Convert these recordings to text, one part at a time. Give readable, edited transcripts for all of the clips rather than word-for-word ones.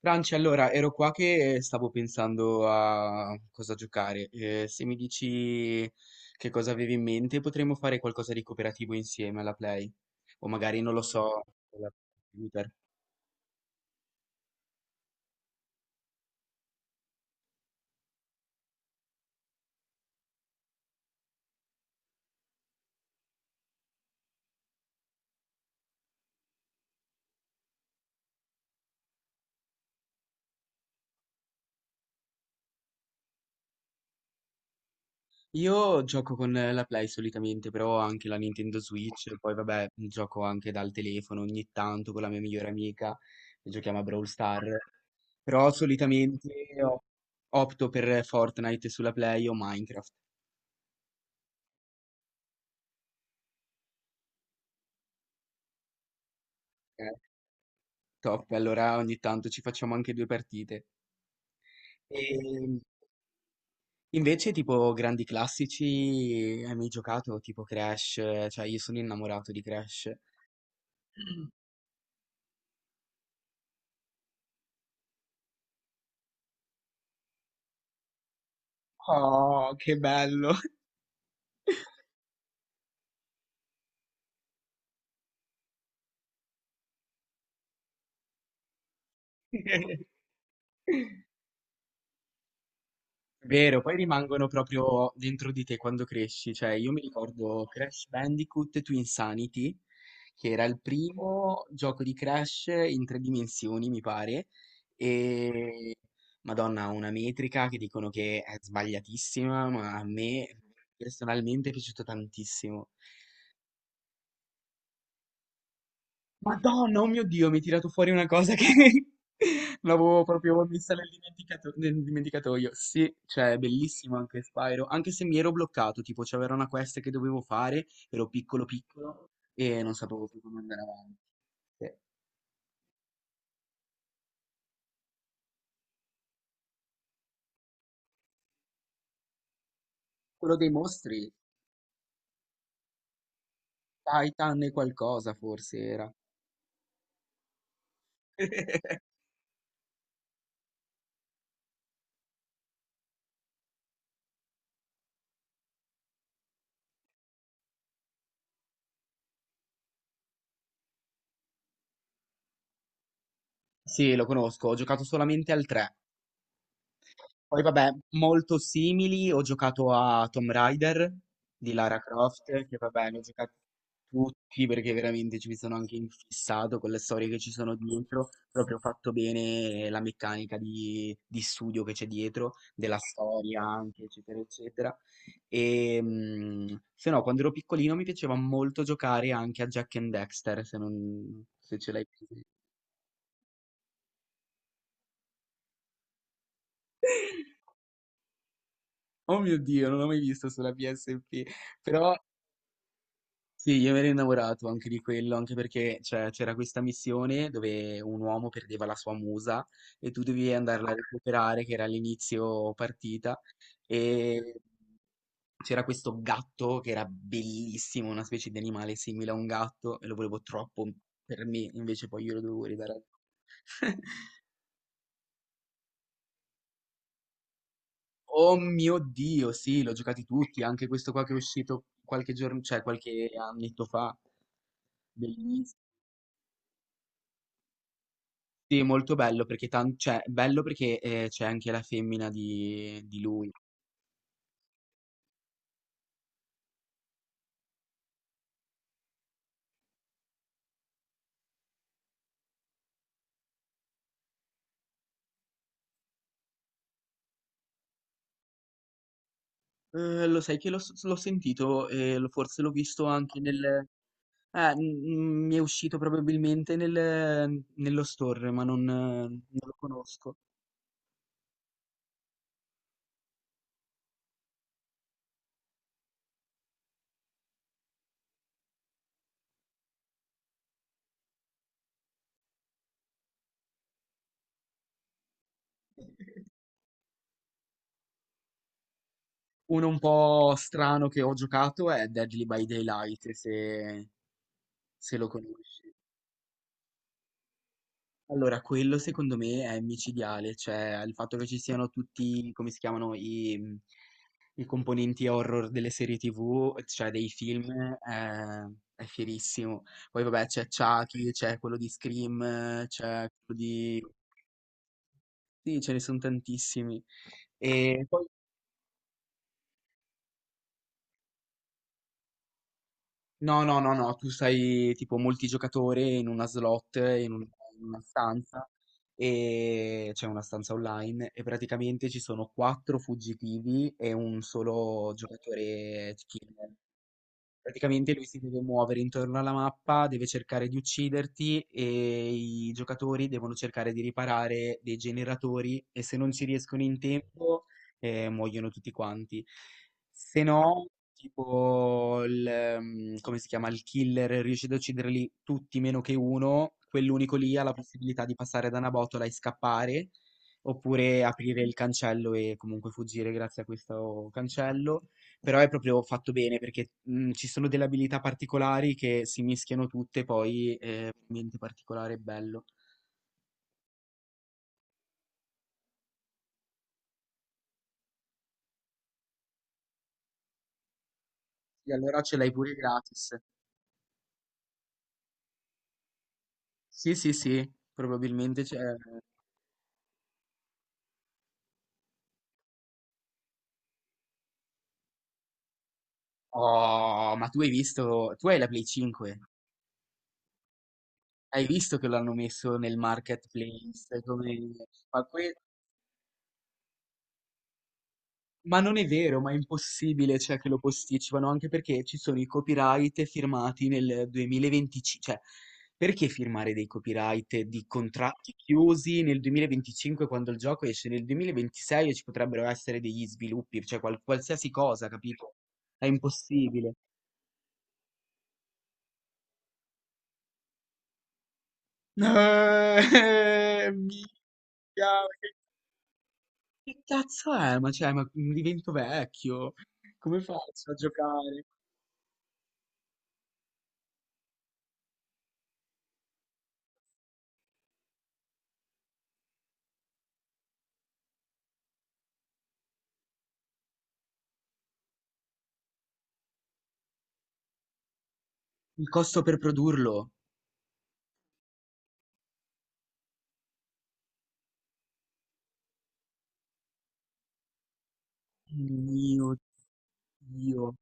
Franci, allora ero qua che stavo pensando a cosa giocare. Se mi dici che cosa avevi in mente, potremmo fare qualcosa di cooperativo insieme alla Play. O magari non lo so, con la computer. Io gioco con la Play solitamente, però ho anche la Nintendo Switch, poi vabbè, gioco anche dal telefono ogni tanto con la mia migliore amica, che giochiamo a Brawl Star. Però solitamente ho- opto per Fortnite sulla Play o Minecraft. Eh. Top, allora ogni tanto ci facciamo anche due partite. E invece tipo grandi classici, hai mai giocato tipo Crash? Cioè io sono innamorato di Crash. Oh, che bello! Vero, poi rimangono proprio dentro di te quando cresci, cioè io mi ricordo Crash Bandicoot to Insanity, che era il primo gioco di Crash in tre dimensioni, mi pare, e Madonna, ha una metrica che dicono che è sbagliatissima, ma a me personalmente è piaciuto tantissimo. Madonna, oh mio Dio, mi hai tirato fuori una cosa che l'avevo proprio messa nel dimenticatoio. Sì, cioè, è bellissimo anche Spyro, anche se mi ero bloccato, tipo c'era una quest che dovevo fare, ero piccolo piccolo e non sapevo più come andare avanti. Sì. Quello dei mostri, Titan e qualcosa forse era. Sì, lo conosco, ho giocato solamente al 3. Poi vabbè, molto simili, ho giocato a Tomb Raider di Lara Croft, che vabbè, ne ho giocati tutti perché veramente ci mi sono anche infissato con le storie che ci sono dietro, proprio fatto bene la meccanica di studio che c'è dietro, della storia anche, eccetera, eccetera. E se no, quando ero piccolino mi piaceva molto giocare anche a Jack and Dexter, se ce l'hai presente. Oh mio Dio, non l'ho mai visto sulla PSP, però... Sì, io mi ero innamorato anche di quello, anche perché cioè, c'era questa missione dove un uomo perdeva la sua musa e tu dovevi andarla a recuperare, che era all'inizio partita, e c'era questo gatto che era bellissimo, una specie di animale simile a un gatto, e lo volevo troppo per me, invece poi io lo dovevo ridare. Oh mio Dio, sì, l'ho giocati tutti, anche questo qua che è uscito qualche giorno, cioè qualche annetto fa, bellissimo. Sì, molto bello perché tan cioè, bello perché, c'è anche la femmina di lui. Lo sai che l'ho sentito e l forse l'ho visto anche nel mi è uscito probabilmente nello store, ma non non lo conosco. Uno un po' strano che ho giocato è Deadly by Daylight, se lo conosci. Allora, quello secondo me è micidiale, cioè il fatto che ci siano tutti come si chiamano, i componenti horror delle serie TV, cioè dei film, è, è fierissimo. Poi vabbè c'è Chucky, c'è quello di Scream, c'è quello di... Sì, ce ne sono tantissimi. E poi... No, no, no, no, tu sei tipo multigiocatore in una slot, in una stanza, e c'è una stanza online, e praticamente ci sono quattro fuggitivi e un solo giocatore killer. Praticamente lui si deve muovere intorno alla mappa, deve cercare di ucciderti e i giocatori devono cercare di riparare dei generatori e se non ci riescono in tempo, muoiono tutti quanti. Se no, tipo come si chiama, il killer riesce ad ucciderli tutti meno che uno, quell'unico lì ha la possibilità di passare da una botola e scappare oppure aprire il cancello e comunque fuggire grazie a questo cancello. Però è proprio fatto bene perché ci sono delle abilità particolari che si mischiano tutte, poi è veramente particolare e bello. E allora ce l'hai pure gratis. Sì, sì, sì, probabilmente c'è. Oh, ma tu hai visto, tu hai la Play 5, hai visto che l'hanno messo nel marketplace, come... ma que- Ma non è vero, ma è impossibile, cioè, che lo posticipano, anche perché ci sono i copyright firmati nel 2025, cioè, perché firmare dei copyright di contratti chiusi nel 2025 quando il gioco esce nel 2026 e ci potrebbero essere degli sviluppi, cioè qualsiasi cosa, capito? È impossibile. Eh, minchia, che che cazzo è? Ma cioè, ma divento vecchio. Come faccio a giocare? Il costo per produrlo? Mio Dio,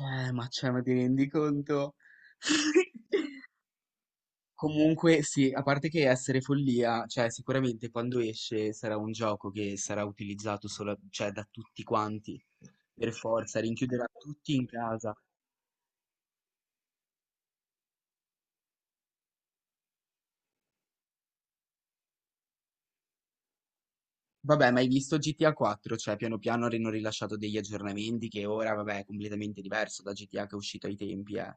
ma cioè, ma ti rendi conto? Comunque, sì, a parte che essere follia, cioè, sicuramente quando esce sarà un gioco che sarà utilizzato solo, cioè, da tutti quanti, per forza, rinchiuderà tutti in casa. Vabbè, ma hai visto GTA 4? Cioè, piano piano hanno rilasciato degli aggiornamenti che ora, vabbè, è completamente diverso da GTA che è uscito ai tempi, eh.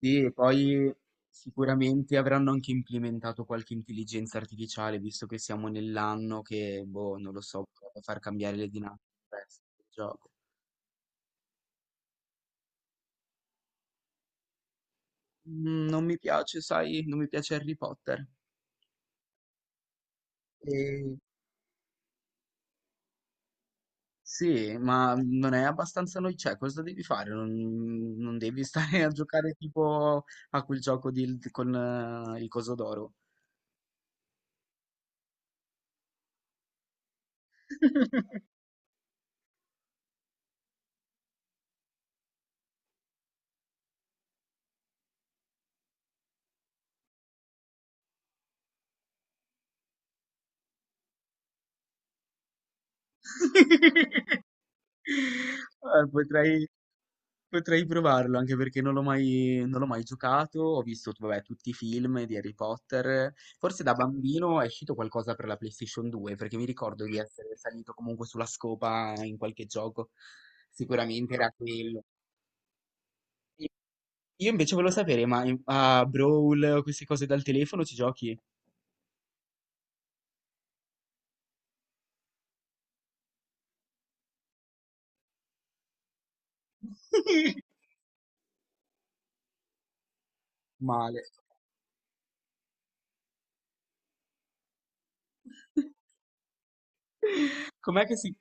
Sì, e poi sicuramente avranno anche implementato qualche intelligenza artificiale, visto che siamo nell'anno che, boh, non lo so, potrebbe far cambiare le dinamiche del resto del gioco. Mm, non mi piace, sai, non mi piace Harry Potter. E sì, ma non è abbastanza noi, cioè, cosa devi fare? Non devi stare a giocare tipo a quel con il coso d'oro. Potrei. Potrei provarlo anche perché non l'ho mai giocato. Ho visto, vabbè, tutti i film di Harry Potter. Forse da bambino è uscito qualcosa per la PlayStation 2, perché mi ricordo di essere salito comunque sulla scopa in qualche gioco. Sicuramente era quello. E io invece volevo sapere, ma a Brawl o queste cose dal telefono ci giochi? Male. Com'è che si...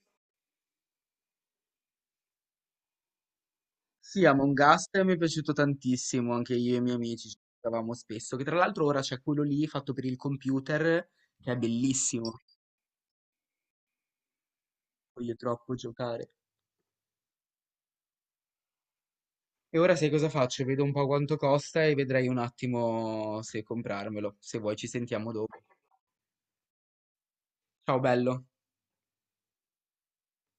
Sì, Among Us mi è piaciuto tantissimo, anche io e i miei amici ci giocavamo spesso, che tra l'altro ora c'è quello lì fatto per il computer, che è bellissimo, voglio troppo giocare. E ora sai cosa faccio? Vedo un po' quanto costa e vedrai un attimo se comprarmelo. Se vuoi ci sentiamo dopo. Ciao bello.